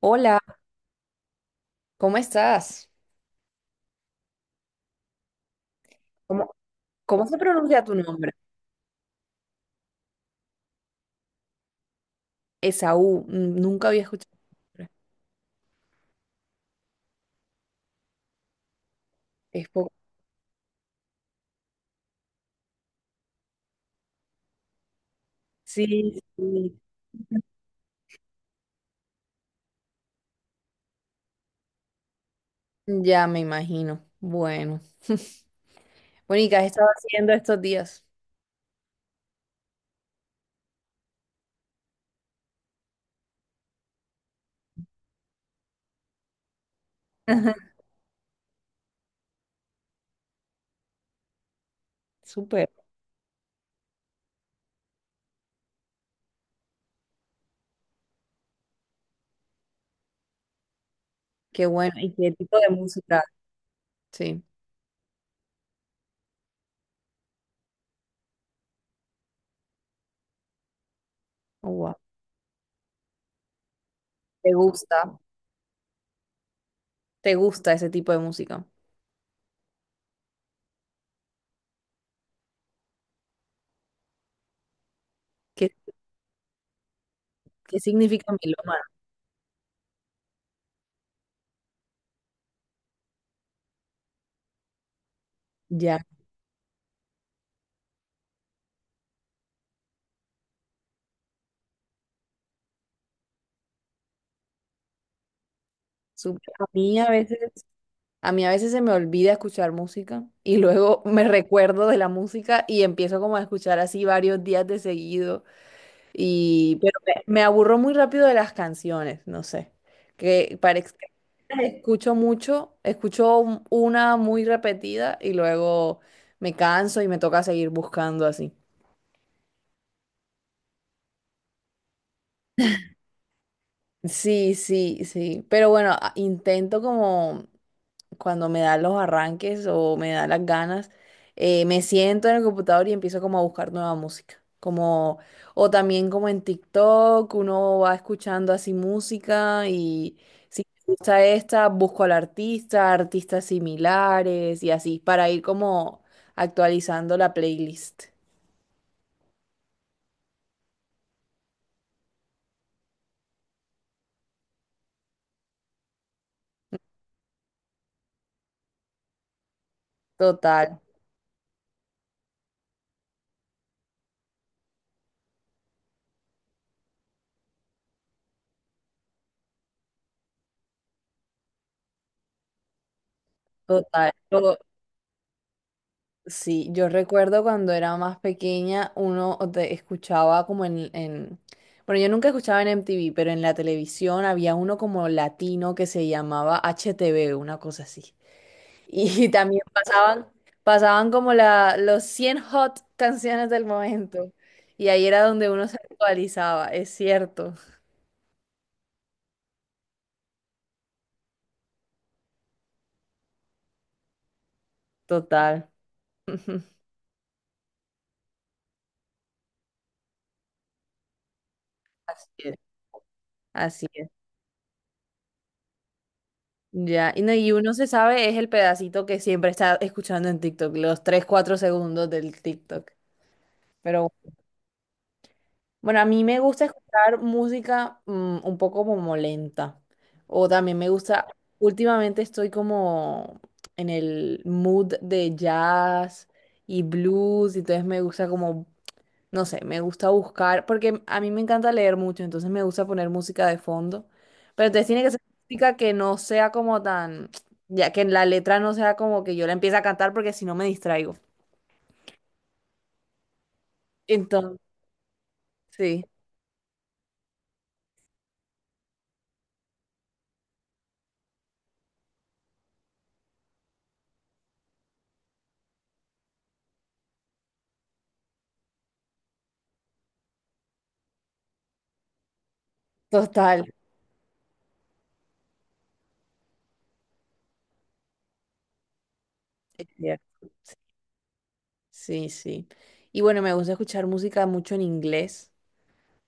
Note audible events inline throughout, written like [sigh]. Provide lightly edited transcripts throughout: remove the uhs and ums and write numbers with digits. Hola, ¿cómo estás? ¿Cómo, cómo se pronuncia tu nombre? Esaú, nunca había escuchado el nombre. Es poco. Sí. Ya me imagino. Bueno. Bueno, ¿y qué has estado haciendo estos días? [laughs] Súper. Qué bueno. ¿Y qué tipo de música? Sí. Oh, wow. ¿Te gusta? ¿Te gusta ese tipo de música? ¿Qué, qué significa melómano? Ya. Súper. A mí a veces se me olvida escuchar música y luego [laughs] me recuerdo de la música y empiezo como a escuchar así varios días de seguido y pero me aburro muy rápido de las canciones, no sé. Que para ex- escucho mucho, escucho una muy repetida y luego me canso y me toca seguir buscando así. Sí, pero bueno, intento como cuando me da los arranques o me da las ganas, me siento en el computador y empiezo como a buscar nueva música. O también como en TikTok, uno va escuchando así música y si me gusta esta, busco al artista, artistas similares y así, para ir como actualizando la playlist. Total, total. Lo- Sí, yo recuerdo cuando era más pequeña, uno te escuchaba bueno, yo nunca escuchaba en MTV, pero en la televisión había uno como latino que se llamaba HTV, una cosa así. Y [laughs] pasaban como los 100 hot [laughs] canciones del momento. Y ahí era donde uno se actualizaba, es cierto. Total. [laughs] Así es. Así es. Ya, y, no, y uno se sabe, es el pedacito que siempre está escuchando en TikTok, los 3 4 segundos del TikTok. Pero bueno, a mí me gusta escuchar música un poco como lenta. O también me gusta, últimamente estoy como en el mood de jazz y blues, y entonces me gusta como no sé, me gusta buscar, porque a mí me encanta leer mucho, entonces me gusta poner música de fondo, pero entonces tiene que ser música que no sea como tan, ya que la letra no sea como que yo la empiece a cantar porque si no me distraigo. Entonces, sí, total. Es cierto. Sí, sí. Y bueno, me gusta escuchar música mucho en inglés,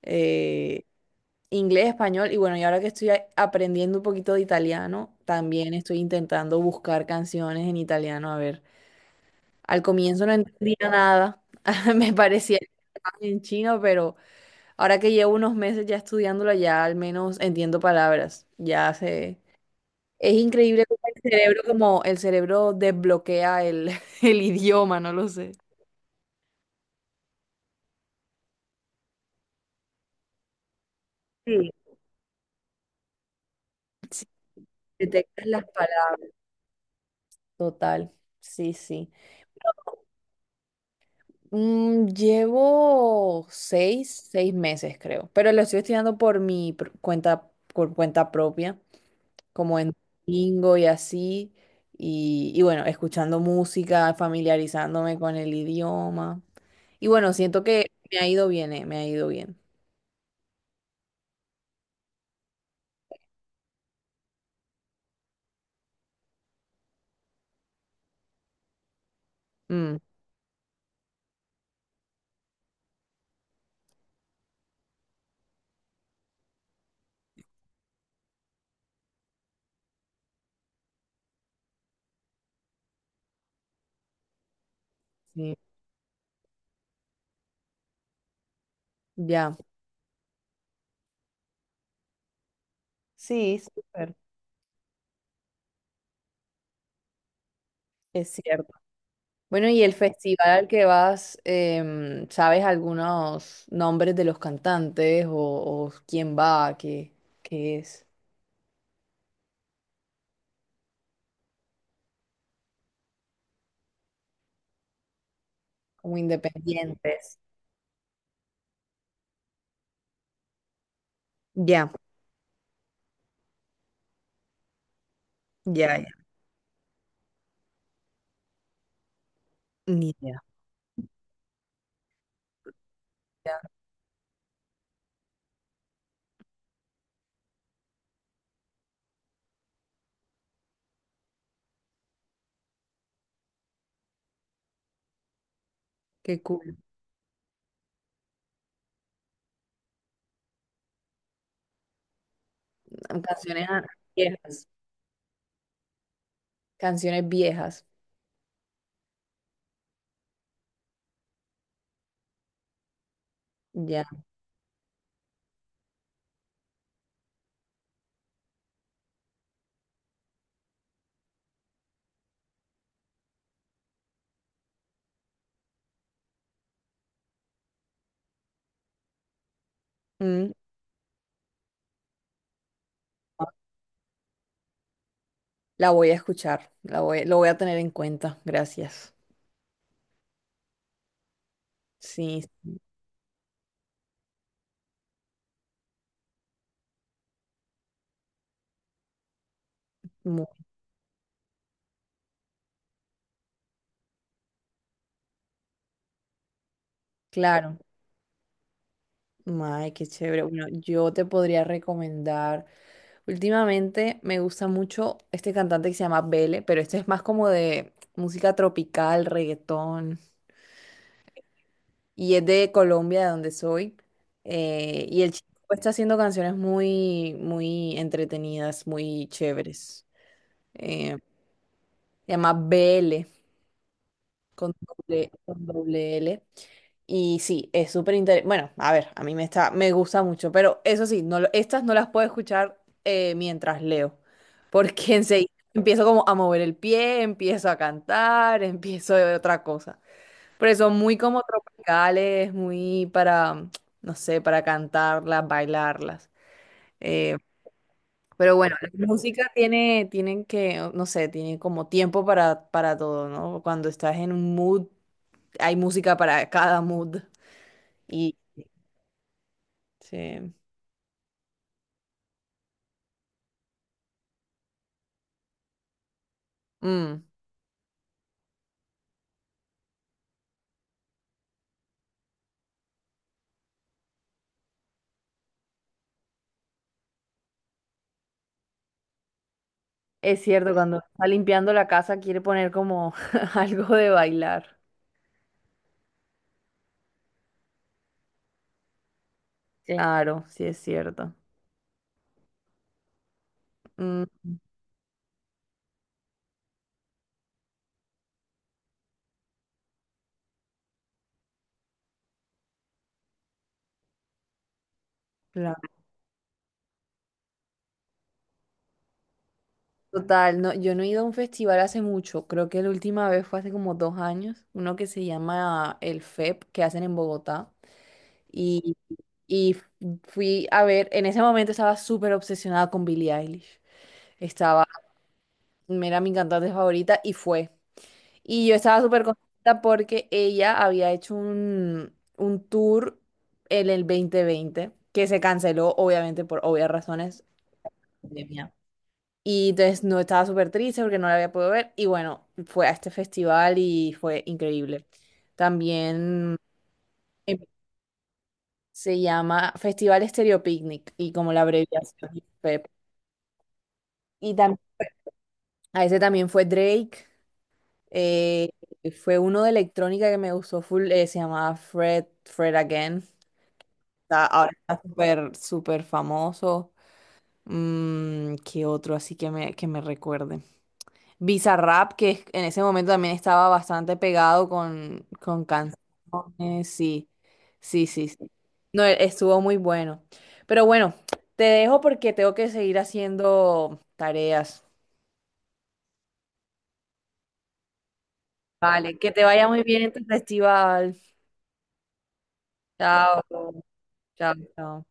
eh, inglés, español, y bueno, y ahora que estoy aprendiendo un poquito de italiano, también estoy intentando buscar canciones en italiano, a ver. Al comienzo no entendía nada, [laughs] me parecía en chino, pero ahora que llevo unos meses ya estudiándolo, ya al menos entiendo palabras. Ya sé. Es increíble cómo el cerebro, como el cerebro desbloquea el, [laughs] el idioma, no lo sé. Sí. Sí, detectas las palabras. Total, sí, sí. Llevo seis meses, creo, pero lo estoy estudiando por cuenta, por cuenta propia. Como en domingo y así. Bueno, escuchando música, familiarizándome con el idioma. Y bueno, siento que me ha ido bien, me ha ido bien. Mm, sí, ya. Sí, súper. Es cierto. Bueno, y el festival al que vas, ¿sabes algunos nombres de los cantantes o quién va, qué es? Como independientes. Ya, ya. Ni idea. Ya. Qué cool. Canciones viejas. Canciones viejas. Ya. Mm. La voy a escuchar, lo voy a tener en cuenta, gracias. Sí, muy claro. Ay, qué chévere. Bueno, yo te podría recomendar. Últimamente me gusta mucho este cantante que se llama Bele, pero este es más como de música tropical, reggaetón, y es de Colombia, de donde soy. Y el chico está haciendo canciones muy entretenidas, muy chéveres. Eh, se llama Bele con doble, con doble L. Y sí, es súper interesante. Bueno, a ver, a mí me está, me gusta mucho, pero eso sí, no, estas no las puedo escuchar mientras leo, [laughs] porque enseguida empiezo como a mover el pie, empiezo a cantar, empiezo de otra cosa. Pero son muy como tropicales, no sé, para cantarlas, bailarlas. Eh, pero bueno, tienen que, no sé, tiene como tiempo para todo, ¿no? Cuando estás en un mood hay música para cada mood. Y sí. Mm, es cierto, cuando está limpiando la casa quiere poner como [laughs] algo de bailar. Sí. Claro, sí es cierto. Mm, claro. Total, no, yo no he ido a un festival hace mucho. Creo que la última vez fue hace como dos años. Uno que se llama el FEP, que hacen en Bogotá. Y, y f- fui a ver, en ese momento estaba súper obsesionada con Billie Eilish. Estaba, era mi cantante favorita y fue. Y yo estaba súper contenta porque ella había hecho un tour en el 2020 que se canceló, obviamente, por obvias razones. Pandemia. Y entonces no estaba súper triste porque no la había podido ver. Y bueno, fue a este festival y fue increíble. También em, se llama Festival Stereo Picnic y como la abreviación es PEP. Y tam a ese también fue Drake. eh, fue uno de electrónica que me gustó full, se llamaba Fred Again. Ahora está súper famoso. Mm, ¿qué otro así que me recuerde? Bizarrap, en ese momento también estaba bastante pegado con canciones. Sí, sí. No, estuvo muy bueno. Pero bueno, te dejo porque tengo que seguir haciendo tareas. Vale, que te vaya muy bien en tu festival. Chao, chao.